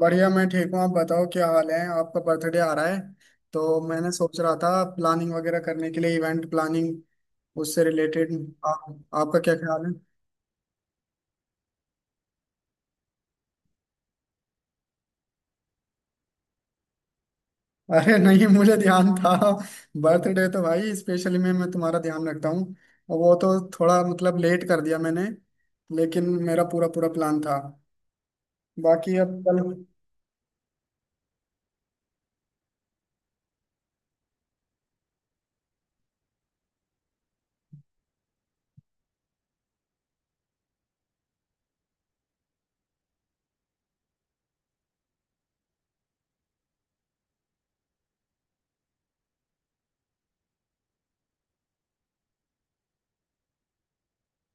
बढ़िया। मैं ठीक हूँ, आप बताओ क्या हाल है? आपका बर्थडे आ रहा है तो मैंने सोच रहा था प्लानिंग वगैरह करने के लिए, इवेंट प्लानिंग उससे रिलेटेड। आपका क्या ख्याल है? अरे नहीं, मुझे ध्यान था। बर्थडे तो भाई स्पेशली मैं तुम्हारा ध्यान रखता हूँ। और वो तो थोड़ा मतलब लेट कर दिया मैंने, लेकिन मेरा पूरा पूरा प्लान था। बाकी अब कल।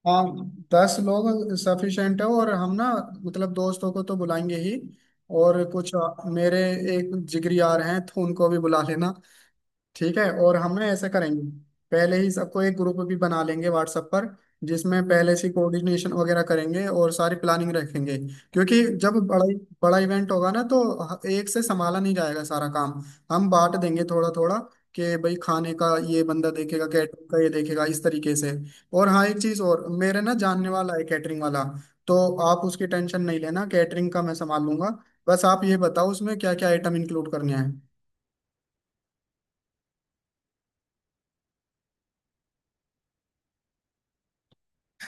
हाँ, 10 लोग सफिशिएंट है। और हम ना मतलब दोस्तों को तो बुलाएंगे ही, और कुछ मेरे एक जिगरी यार हैं तो उनको भी बुला लेना। ठीक है, और हम ना ऐसा करेंगे, पहले ही सबको एक ग्रुप भी बना लेंगे व्हाट्सएप पर, जिसमें पहले से कोऑर्डिनेशन वगैरह करेंगे और सारी प्लानिंग रखेंगे। क्योंकि जब बड़ा बड़ा इवेंट होगा ना, तो एक से संभाला नहीं जाएगा सारा काम। हम बांट देंगे थोड़ा थोड़ा कि भाई खाने का ये बंदा देखेगा, कैटरिंग का ये देखेगा, इस तरीके से। और हाँ, एक चीज और, मेरे ना जानने वाला है कैटरिंग वाला। तो आप उसकी टेंशन नहीं लेना, कैटरिंग का मैं संभाल लूंगा। बस आप ये बताओ उसमें क्या क्या आइटम इंक्लूड करने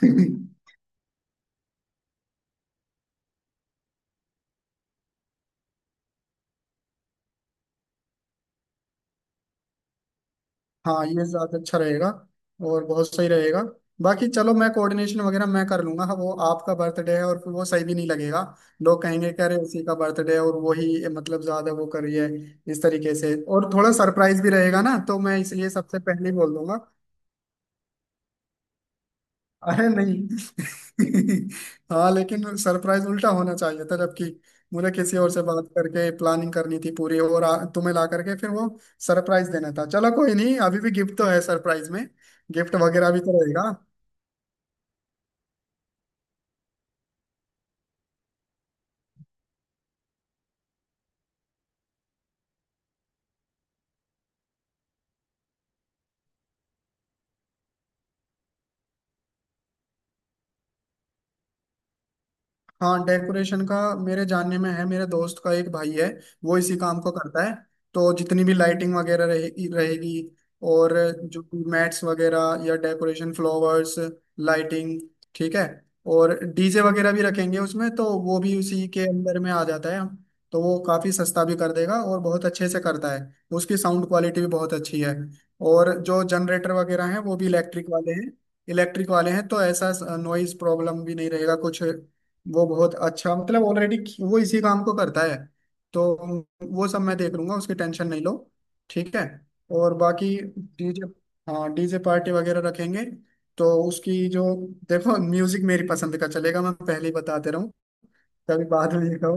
हैं। हाँ ये ज्यादा अच्छा रहेगा और बहुत सही रहेगा। बाकी चलो, मैं कोऑर्डिनेशन वगैरह मैं कर लूंगा। हाँ, वो आपका बर्थडे है और फिर वो सही भी नहीं लगेगा। लोग कहेंगे कि अरे उसी का बर्थडे है और वो ही मतलब ज्यादा वो कर रही है, इस तरीके से। और थोड़ा सरप्राइज भी रहेगा ना, तो मैं इसलिए सबसे पहले ही बोल दूंगा। अरे नहीं। हाँ लेकिन सरप्राइज उल्टा होना चाहिए था, जबकि मुझे किसी और से बात करके प्लानिंग करनी थी पूरी और तुम्हें ला करके फिर वो सरप्राइज देना था। चलो कोई नहीं, अभी भी गिफ्ट तो है सरप्राइज में। गिफ्ट वगैरह भी तो रहेगा। हाँ डेकोरेशन का मेरे जानने में है, मेरे दोस्त का एक भाई है, वो इसी काम को करता है। तो जितनी भी लाइटिंग वगैरह रहेगी रहेगी और जो मैट्स वगैरह या डेकोरेशन, फ्लावर्स, लाइटिंग। ठीक है, और डीजे वगैरह भी रखेंगे उसमें, तो वो भी उसी के अंदर में आ जाता है। तो वो काफ़ी सस्ता भी कर देगा और बहुत अच्छे से करता है। उसकी साउंड क्वालिटी भी बहुत अच्छी है। और जो जनरेटर वगैरह हैं वो भी इलेक्ट्रिक वाले हैं, इलेक्ट्रिक वाले हैं, तो ऐसा नॉइज प्रॉब्लम भी नहीं रहेगा कुछ। वो बहुत अच्छा, मतलब ऑलरेडी वो इसी काम को करता है। तो वो सब मैं देख लूंगा, उसकी टेंशन नहीं लो। ठीक है। और बाकी डीजे, हाँ डीजे पार्टी वगैरह रखेंगे। तो उसकी जो, देखो म्यूजिक मेरी पसंद का चलेगा, मैं पहले ही बताते रहूँ। कभी बाद में ये कहो।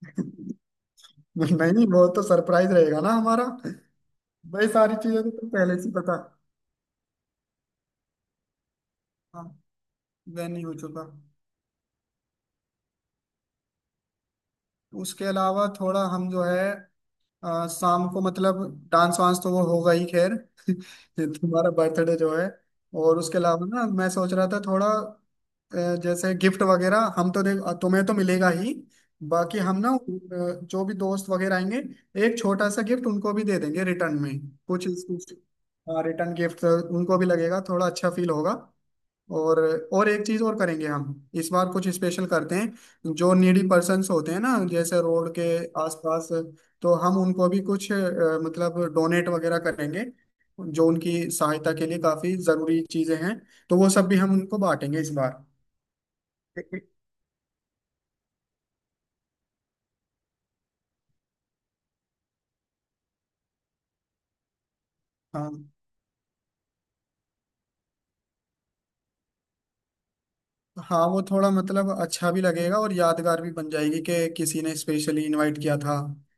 नहीं, वो तो सरप्राइज रहेगा ना हमारा। भाई सारी चीजें तो तुम पहले से ही पता। हाँ, वह नहीं हो चुका। उसके अलावा थोड़ा हम जो है, शाम को मतलब डांस वांस तो वो होगा ही खैर। ये तुम्हारा बर्थडे जो है, और उसके अलावा ना मैं सोच रहा था थोड़ा, जैसे गिफ्ट वगैरह हम तो देख, तुम्हें तो मिलेगा ही। बाकी हम ना, जो भी दोस्त वगैरह आएंगे, एक छोटा सा गिफ्ट उनको भी दे देंगे रिटर्न में। कुछ कुछ रिटर्न गिफ्ट उनको भी लगेगा, थोड़ा अच्छा फील होगा। और एक चीज और करेंगे हम, इस बार कुछ स्पेशल करते हैं। जो नीडी पर्सन्स होते हैं ना, जैसे रोड के आसपास, तो हम उनको भी कुछ मतलब डोनेट वगैरह करेंगे, जो उनकी सहायता के लिए काफी जरूरी चीजें हैं। तो वो सब भी हम उनको बांटेंगे इस बार। देखिए। हाँ हाँ, वो थोड़ा मतलब अच्छा भी लगेगा और यादगार भी बन जाएगी कि किसी ने स्पेशली इनवाइट किया था।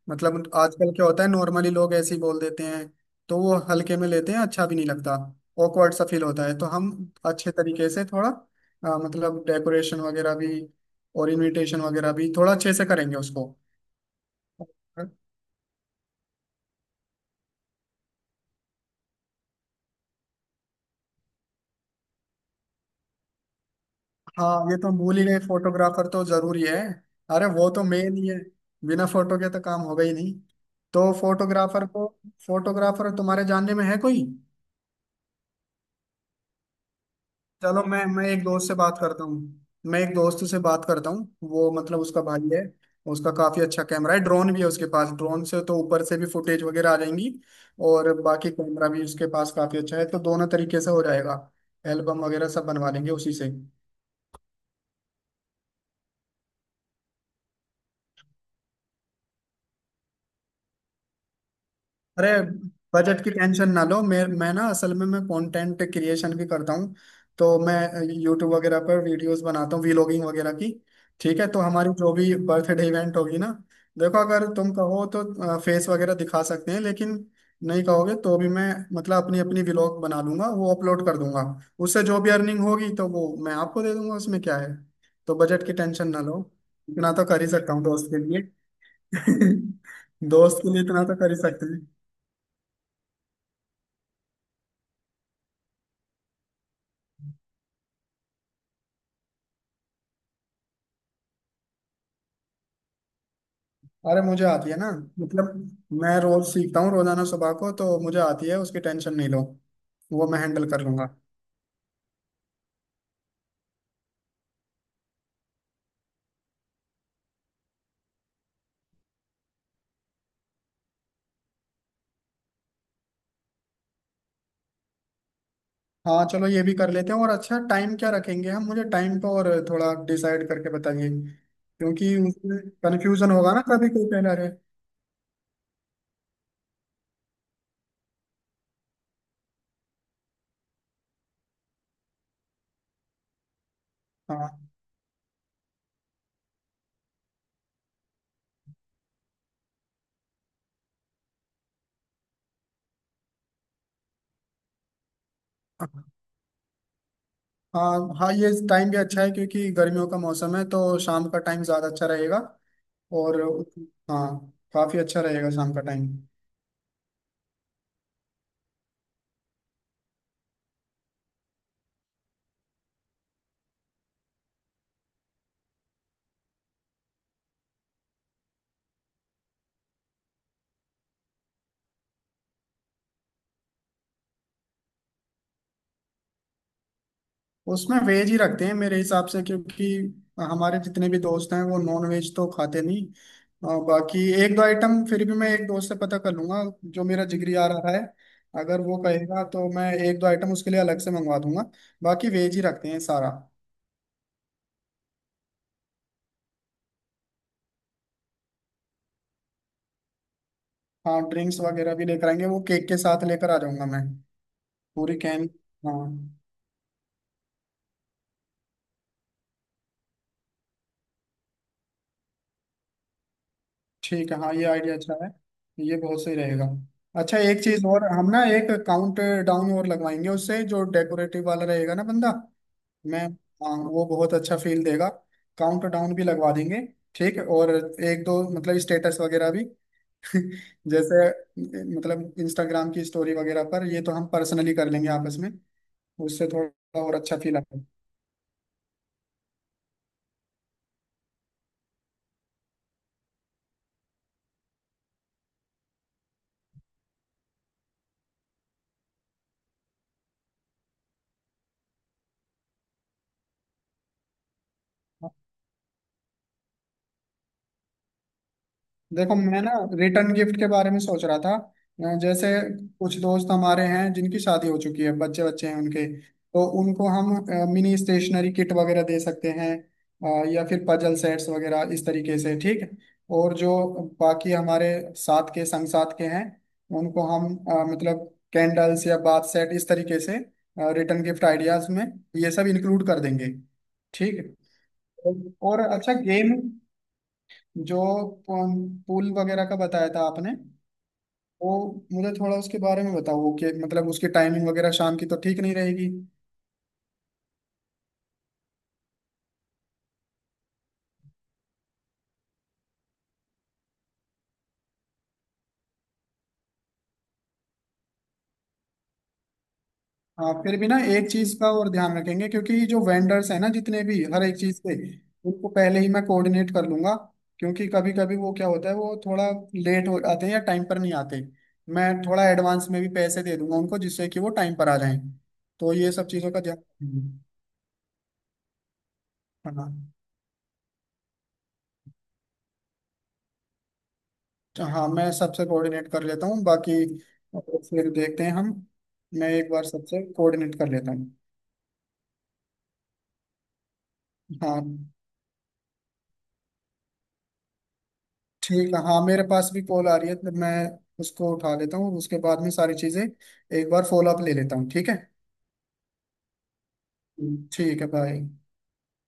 मतलब आजकल क्या होता है, नॉर्मली लोग ऐसे ही बोल देते हैं, तो वो हल्के में लेते हैं, अच्छा भी नहीं लगता। awkward सा फील होता है, तो हम अच्छे तरीके से थोड़ा, मतलब डेकोरेशन वगैरह भी और इनविटेशन वगैरह भी थोड़ा अच्छे से करेंगे उसको। हाँ ये तो हम भूल ही गए, फोटोग्राफर तो जरूरी है। अरे वो तो मेन ही है, बिना फोटो के तो काम होगा ही नहीं। तो फोटोग्राफर को, फोटोग्राफर तुम्हारे जानने में है कोई? चलो मैं एक दोस्त से बात करता हूँ। मैं एक दोस्त से बात करता हूँ, वो मतलब उसका भाई है। उसका काफी अच्छा कैमरा है, ड्रोन भी है उसके पास। ड्रोन से तो ऊपर से भी फुटेज वगैरह आ जाएंगी, और बाकी कैमरा भी उसके पास काफी अच्छा है, तो दोनों तरीके से हो जाएगा। एल्बम वगैरह सब बनवा लेंगे उसी से। अरे बजट की टेंशन ना लो। मैं ना, असल में मैं कंटेंट क्रिएशन भी करता हूँ। तो मैं यूट्यूब वगैरह पर वीडियोस बनाता हूँ, व्लॉगिंग वगैरह की। ठीक है, तो हमारी जो भी बर्थडे इवेंट होगी ना, देखो अगर तुम कहो तो फेस वगैरह दिखा सकते हैं, लेकिन नहीं कहोगे तो भी मैं मतलब अपनी अपनी व्लॉग बना लूंगा, वो अपलोड कर दूंगा। उससे जो भी अर्निंग होगी तो वो मैं आपको दे दूंगा, उसमें क्या है। तो बजट की टेंशन ना लो, इतना तो कर ही सकता हूँ दोस्त के लिए। दोस्त के लिए इतना तो कर ही सकते हैं। अरे मुझे आती है ना, मतलब मैं रोज सीखता हूँ रोजाना सुबह को, तो मुझे आती है, उसकी टेंशन नहीं लो, वो मैं हैंडल कर लूंगा। हाँ चलो ये भी कर लेते हैं, और अच्छा टाइम क्या रखेंगे हम? मुझे टाइम तो और थोड़ा डिसाइड करके बताइए, क्योंकि उसमें कन्फ्यूजन होगा ना, कभी कोई कह रहे। हाँ। हाँ, हाँ, ये टाइम भी अच्छा है, क्योंकि गर्मियों का मौसम है तो शाम का टाइम ज़्यादा अच्छा रहेगा। और हाँ, काफ़ी अच्छा रहेगा शाम का टाइम। उसमें वेज ही रखते हैं मेरे हिसाब से, क्योंकि हमारे जितने भी दोस्त हैं वो नॉन वेज तो खाते नहीं। बाकी एक दो आइटम फिर भी मैं एक दोस्त से पता कर लूंगा, जो मेरा जिगरी आ रहा है। अगर वो कहेगा तो मैं एक दो आइटम उसके लिए अलग से मंगवा दूंगा, बाकी वेज ही रखते हैं सारा। हाँ ड्रिंक्स वगैरह भी लेकर आएंगे, वो केक के साथ लेकर आ जाऊंगा मैं। पूरी कैन। हाँ। ठीक है, हाँ ये आइडिया अच्छा है, ये बहुत सही रहेगा। अच्छा एक चीज और, हम ना एक काउंट डाउन और लगवाएंगे उससे, जो डेकोरेटिव वाला रहेगा ना बंदा। मैं, हाँ वो बहुत अच्छा फील देगा। काउंट डाउन भी लगवा देंगे। ठीक है, और एक दो मतलब स्टेटस वगैरह भी, जैसे मतलब इंस्टाग्राम की स्टोरी वगैरह पर, ये तो हम पर्सनली कर लेंगे आपस में। उससे थोड़ा और अच्छा फील आएगा। देखो मैं ना रिटर्न गिफ्ट के बारे में सोच रहा था, जैसे कुछ दोस्त हमारे हैं जिनकी शादी हो चुकी है, बच्चे बच्चे हैं उनके, तो उनको हम मिनी स्टेशनरी किट वगैरह दे सकते हैं, या फिर पजल सेट्स वगैरह इस तरीके से, ठीक है। और जो बाकी हमारे साथ के हैं, उनको हम मतलब कैंडल्स या बाथ सेट इस तरीके से रिटर्न गिफ्ट आइडियाज में ये सब इंक्लूड कर देंगे। ठीक है। और अच्छा गेम, जो पुल पुल वगैरह का बताया था आपने, वो मुझे थोड़ा उसके बारे में बताओ कि मतलब उसकी टाइमिंग वगैरह शाम की तो ठीक नहीं रहेगी। हाँ फिर भी ना एक चीज का और ध्यान रखेंगे, क्योंकि जो वेंडर्स हैं ना जितने भी हर एक चीज के, उनको पहले ही मैं कोऑर्डिनेट कर लूंगा। क्योंकि कभी कभी वो क्या होता है, वो थोड़ा लेट हो आते हैं या टाइम पर नहीं आते। मैं थोड़ा एडवांस में भी पैसे दे दूंगा उनको, जिससे कि वो टाइम पर आ जाएं। तो ये सब चीजों का ध्यान रखेंगे। हाँ। तो हाँ, मैं सबसे कोऑर्डिनेट कर लेता हूँ बाकी, फिर देखते हैं हम। मैं एक बार सबसे कोऑर्डिनेट कर लेता हूँ। हाँ ठीक है, हाँ मेरे पास भी कॉल आ रही है तो मैं उसको उठा लेता हूँ, उसके बाद में सारी चीज़ें एक बार फॉलो अप ले लेता हूँ, ठीक है। ठीक है, बाय।